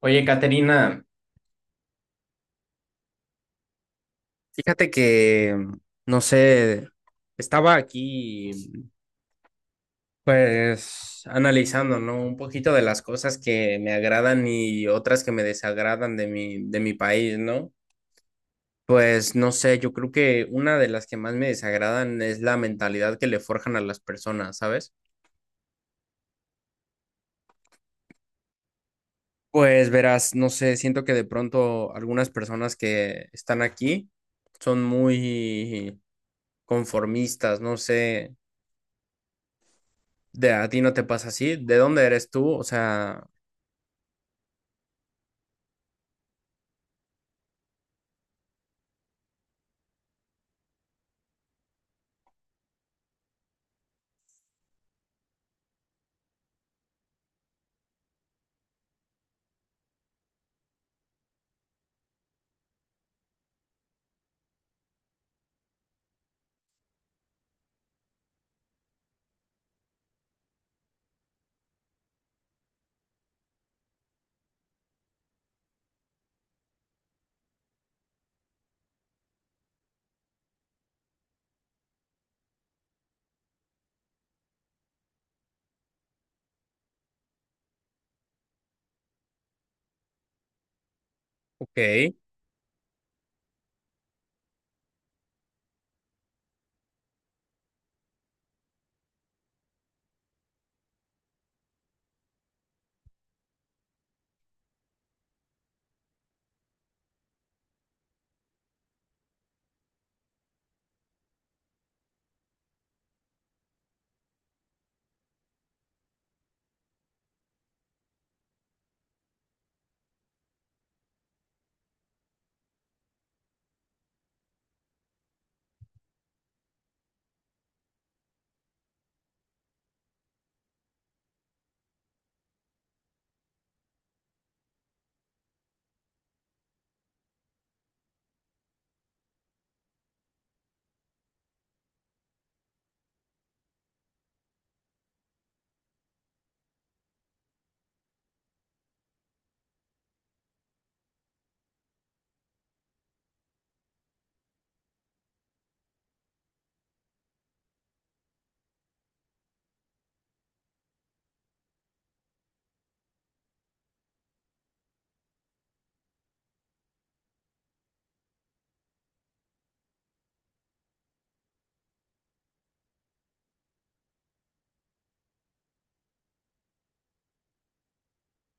Oye, Caterina, fíjate que, no sé, estaba aquí pues analizando, ¿no? Un poquito de las cosas que me agradan y otras que me desagradan de mi país, ¿no? Pues no sé, yo creo que una de las que más me desagradan es la mentalidad que le forjan a las personas, ¿sabes? Pues verás, no sé, siento que de pronto algunas personas que están aquí son muy conformistas, no sé. De a ti no te pasa así, ¿de dónde eres tú? O sea, ok,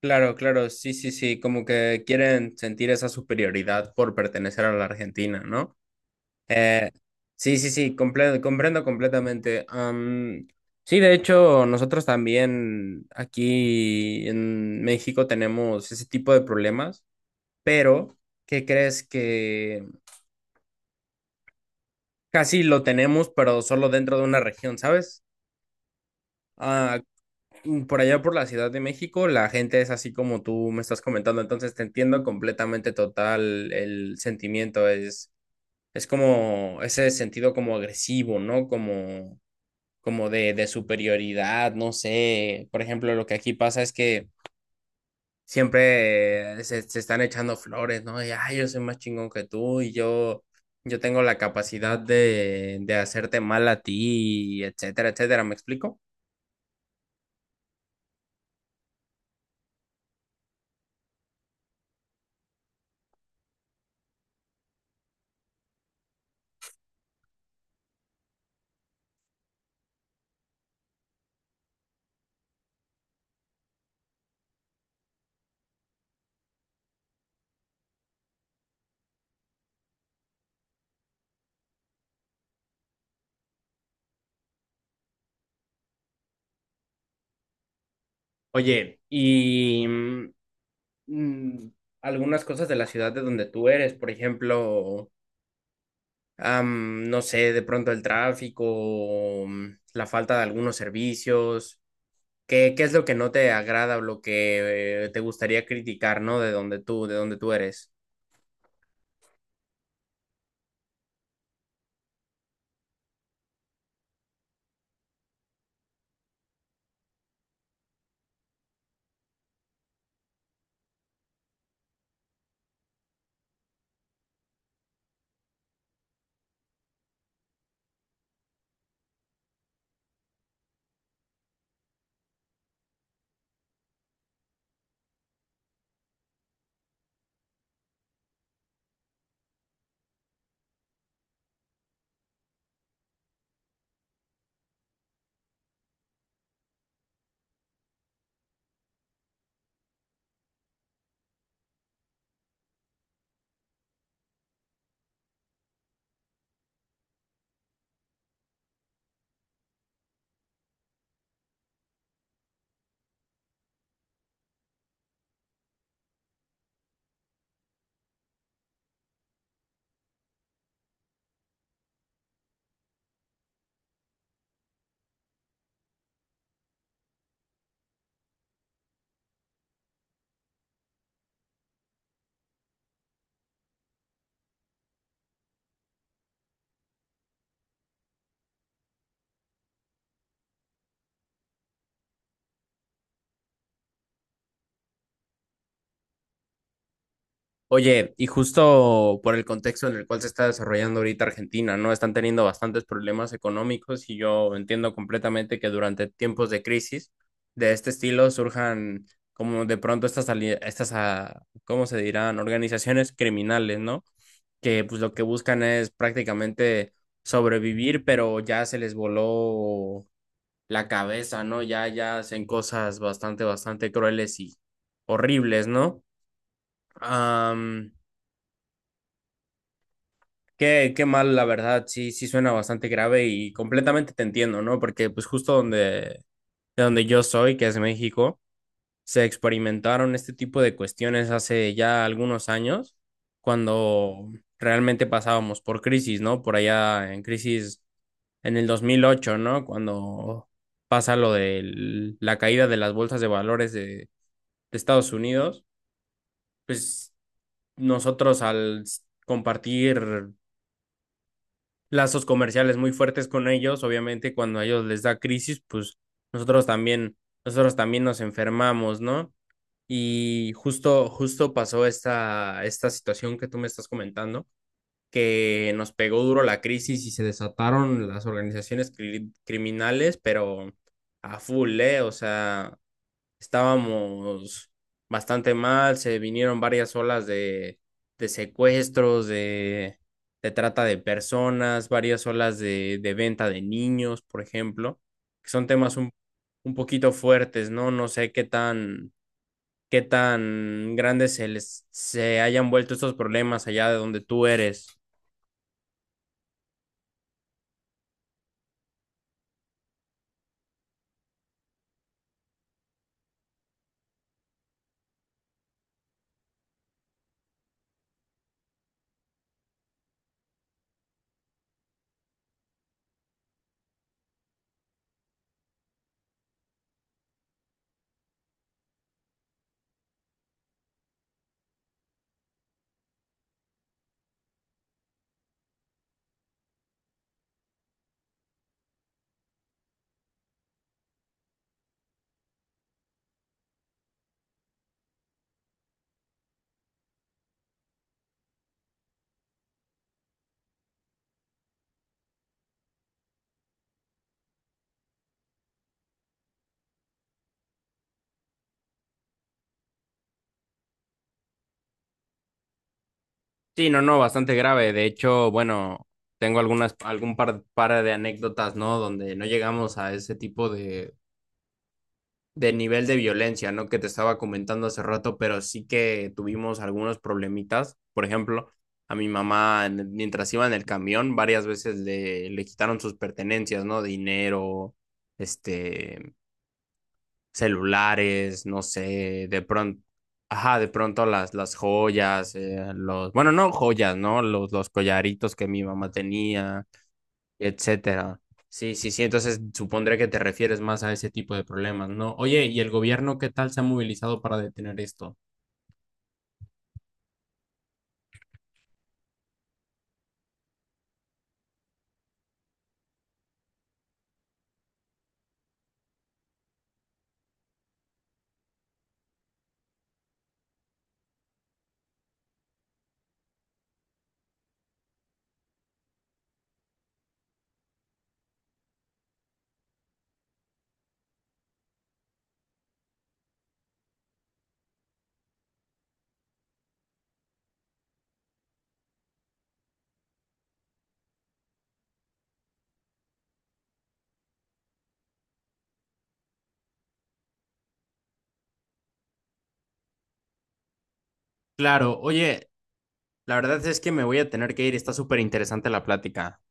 claro, claro, sí, sí, sí, como que quieren sentir esa superioridad por pertenecer a la Argentina, ¿no? Eh, sí, sí, sí, comprendo completamente. Sí, de hecho, nosotros también aquí en México tenemos ese tipo de problemas, pero ¿qué crees que casi lo tenemos, pero solo dentro de una región, ¿sabes? Ah, por allá por la Ciudad de México, la gente es así como tú me estás comentando, entonces te entiendo completamente total el sentimiento, es como ese sentido como agresivo, ¿no? Como, como de superioridad, no sé, por ejemplo, lo que aquí pasa es que siempre se están echando flores, ¿no? Y, ay, yo soy más chingón que tú y yo tengo la capacidad de hacerte mal a ti, etcétera, etcétera, ¿me explico? Oye, y mm, algunas cosas de la ciudad de donde tú eres, por ejemplo, no sé, de pronto el tráfico, la falta de algunos servicios. ¿Qué, qué es lo que no te agrada o lo que te gustaría criticar, ¿no? De donde tú eres. Oye, y justo por el contexto en el cual se está desarrollando ahorita Argentina, ¿no? Están teniendo bastantes problemas económicos y yo entiendo completamente que durante tiempos de crisis de este estilo surjan como de pronto estas, ah, ¿cómo se dirán? Organizaciones criminales, ¿no? Que pues lo que buscan es prácticamente sobrevivir, pero ya se les voló la cabeza, ¿no? Ya, ya hacen cosas bastante, bastante crueles y horribles, ¿no? Qué, qué mal, la verdad, sí, sí suena bastante grave y completamente te entiendo, ¿no? Porque pues justo donde, de donde yo soy, que es México, se experimentaron este tipo de cuestiones hace ya algunos años, cuando realmente pasábamos por crisis, ¿no? Por allá en crisis en el 2008, ¿no? Cuando pasa lo de la caída de las bolsas de valores de Estados Unidos, pues nosotros al compartir lazos comerciales muy fuertes con ellos. Obviamente, cuando a ellos les da crisis, pues nosotros también, nosotros también nos enfermamos, ¿no? Y justo, justo pasó esta situación que tú me estás comentando, que nos pegó duro la crisis y se desataron las organizaciones criminales, pero a full, ¿eh? O sea, estábamos bastante mal, se vinieron varias olas de secuestros, de trata de personas, varias olas de venta de niños, por ejemplo, que son temas un poquito fuertes, ¿no? No sé qué tan grandes se hayan vuelto estos problemas allá de donde tú eres. Sí, no, no, bastante grave. De hecho, bueno, tengo algunas, algún par, par de anécdotas, ¿no? Donde no llegamos a ese tipo de, del nivel de violencia, ¿no? Que te estaba comentando hace rato, pero sí que tuvimos algunos problemitas. Por ejemplo, a mi mamá, mientras iba en el camión, varias veces le quitaron sus pertenencias, ¿no? Dinero, este, celulares, no sé, de pronto, ajá, de pronto las joyas, los, bueno, no joyas, ¿no? Los collaritos que mi mamá tenía etcétera. Sí, sí, sí. Entonces supondré que te refieres más a ese tipo de problemas, ¿no? Oye, ¿y el gobierno qué tal se ha movilizado para detener esto? Claro, oye, la verdad es que me voy a tener que ir. Está súper interesante la plática.